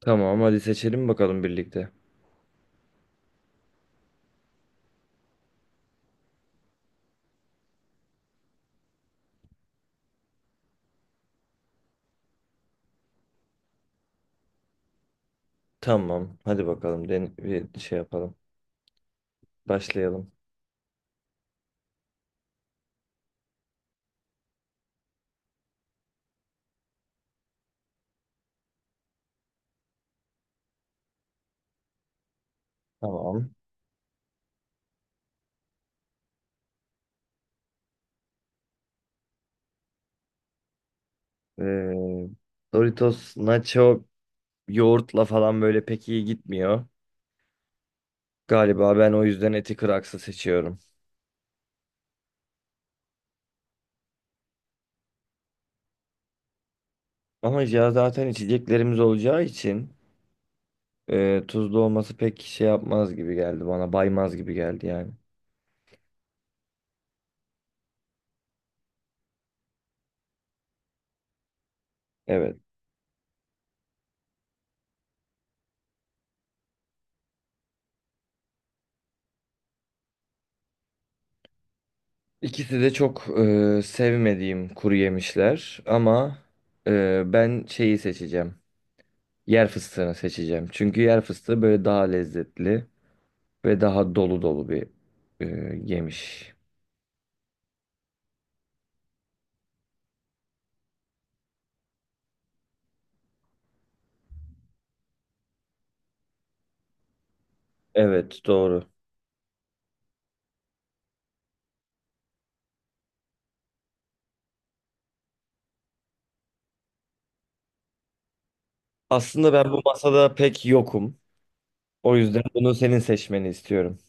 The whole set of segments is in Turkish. Tamam, hadi seçelim bakalım birlikte. Tamam, hadi bakalım den bir şey yapalım. Başlayalım. Tamam. Ee, Doritos nacho yoğurtla falan böyle pek iyi gitmiyor. Galiba ben o yüzden eti kraksı seçiyorum. Ama ya zaten içeceklerimiz olacağı için tuzlu olması pek şey yapmaz gibi geldi bana. Baymaz gibi geldi yani. Evet. İkisi de çok sevmediğim kuru yemişler ama ben şeyi seçeceğim. Yer fıstığını seçeceğim. Çünkü yer fıstığı böyle daha lezzetli ve daha dolu dolu bir e, yemiş. Evet, doğru. Aslında ben bu masada pek yokum. O yüzden bunu senin seçmeni istiyorum.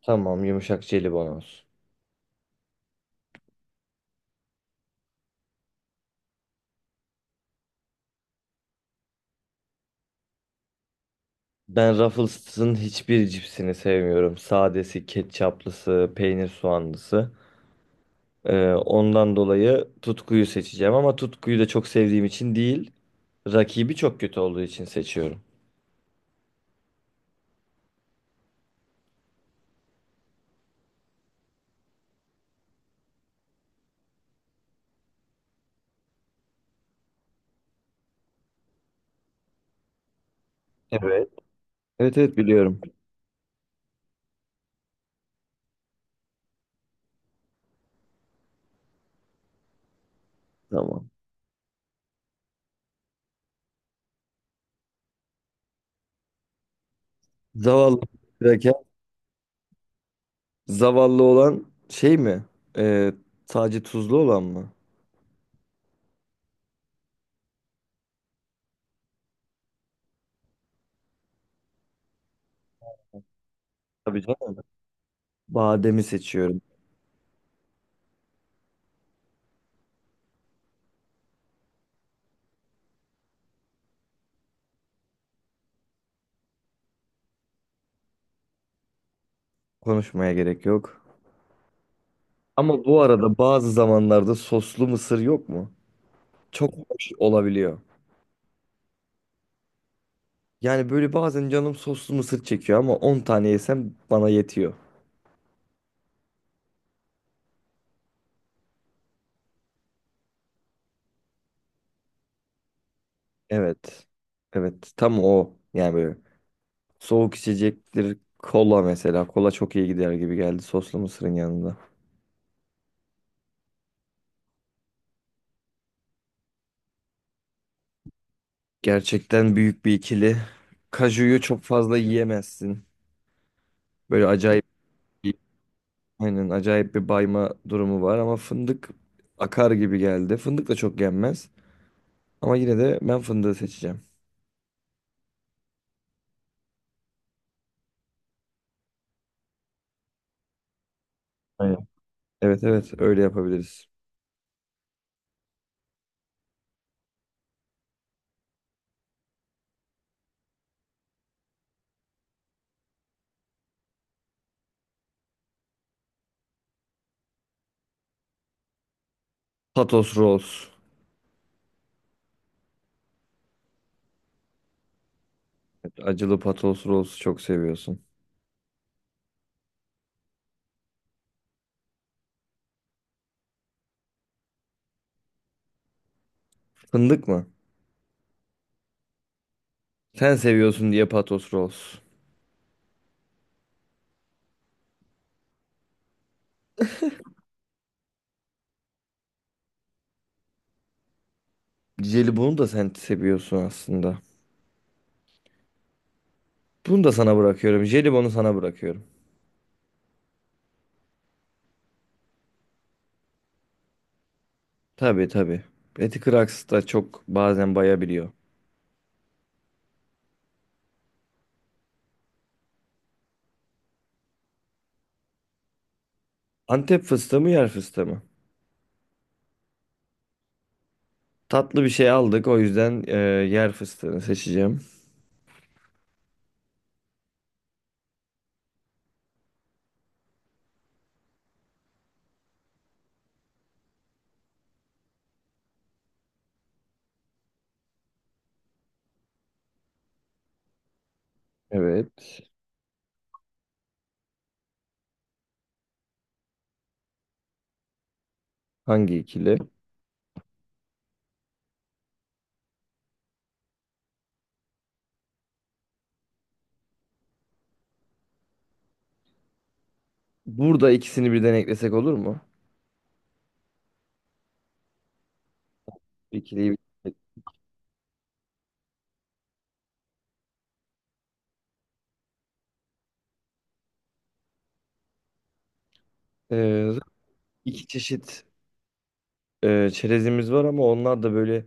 Tamam, yumuşak jelibon olsun. Ben Ruffles'ın hiçbir cipsini sevmiyorum. Sadesi, ketçaplısı, peynir soğanlısı. Ondan dolayı Tutku'yu seçeceğim ama Tutku'yu da çok sevdiğim için değil, rakibi çok kötü olduğu için seçiyorum. Evet. Evet evet, biliyorum. Tamam. Zavallı kraker. Zavallı olan şey mi? Ee, Sadece tuzlu olan mı? Tabii canım. Bademi seçiyorum. Konuşmaya gerek yok. Ama bu arada bazı zamanlarda soslu mısır yok mu? Çok hoş olabiliyor. Yani böyle bazen canım soslu mısır çekiyor ama 10 tane yesem bana yetiyor. Evet. Evet, tam o. Yani böyle soğuk içecektir. Kola mesela. Kola çok iyi gider gibi geldi soslu mısırın yanında. Gerçekten büyük bir ikili. Kaju'yu çok fazla yiyemezsin. Böyle acayip bir, aynen acayip bir bayma durumu var ama fındık akar gibi geldi. Fındık da çok yenmez ama yine de ben fındığı seçeceğim. Aynen. Evet evet, öyle yapabiliriz. Patos rolls. Evet, acılı patos rolls çok seviyorsun. Fındık mı? Sen seviyorsun diye patos rolls. Jelibonu da sen seviyorsun aslında. Bunu da sana bırakıyorum. Jelibonu sana bırakıyorum. Tabii tabii. Eti kıraksı da çok bazen bayabiliyor. Antep fıstığı mı, yer fıstığı mı? Tatlı bir şey aldık, o yüzden yer fıstığını seçeceğim. Evet. Hangi ikili? Burada ikisini birden eklesek olur mu? İkiliyi bir. E, iki çeşit çerezimiz var ama onlar da böyle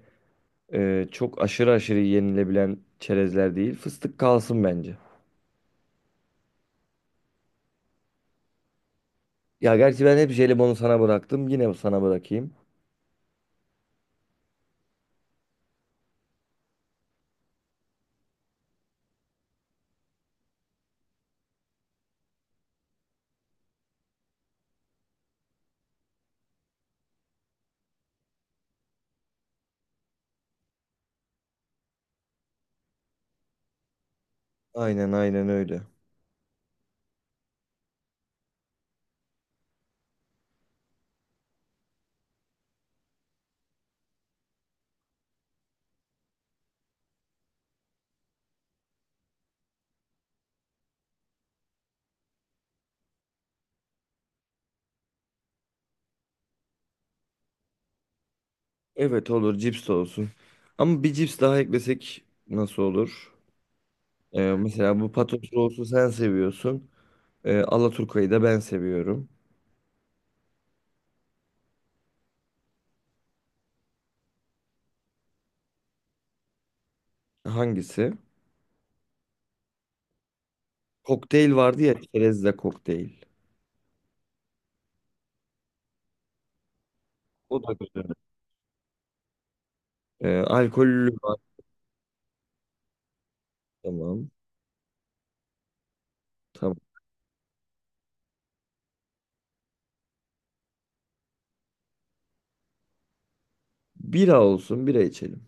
çok aşırı aşırı yenilebilen çerezler değil. Fıstık kalsın bence. Ya gerçi ben hep jelibonu sana bıraktım. Yine sana bırakayım. Aynen aynen öyle. Evet, olur, cips de olsun. Ama bir cips daha eklesek nasıl olur? Mesela bu Patos Rose'u sen seviyorsun. Alaturka'yı da ben seviyorum. Hangisi? Kokteyl vardı ya, çerezle kokteyl. O da güzel. Alkollü var. Tamam. Tamam. Bira olsun, bira içelim.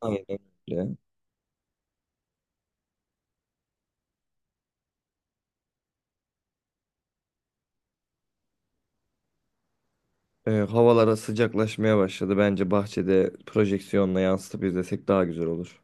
Aynen öyle. Havalara sıcaklaşmaya başladı. Bence bahçede projeksiyonla yansıtıp izlesek daha güzel olur.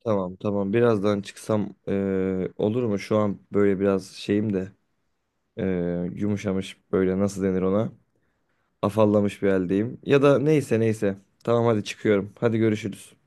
Tamam tamam. Birazdan çıksam olur mu? Şu an böyle biraz şeyim de yumuşamış, böyle nasıl denir ona? Afallamış bir haldeyim. Ya da neyse neyse. Tamam, hadi çıkıyorum. Hadi görüşürüz.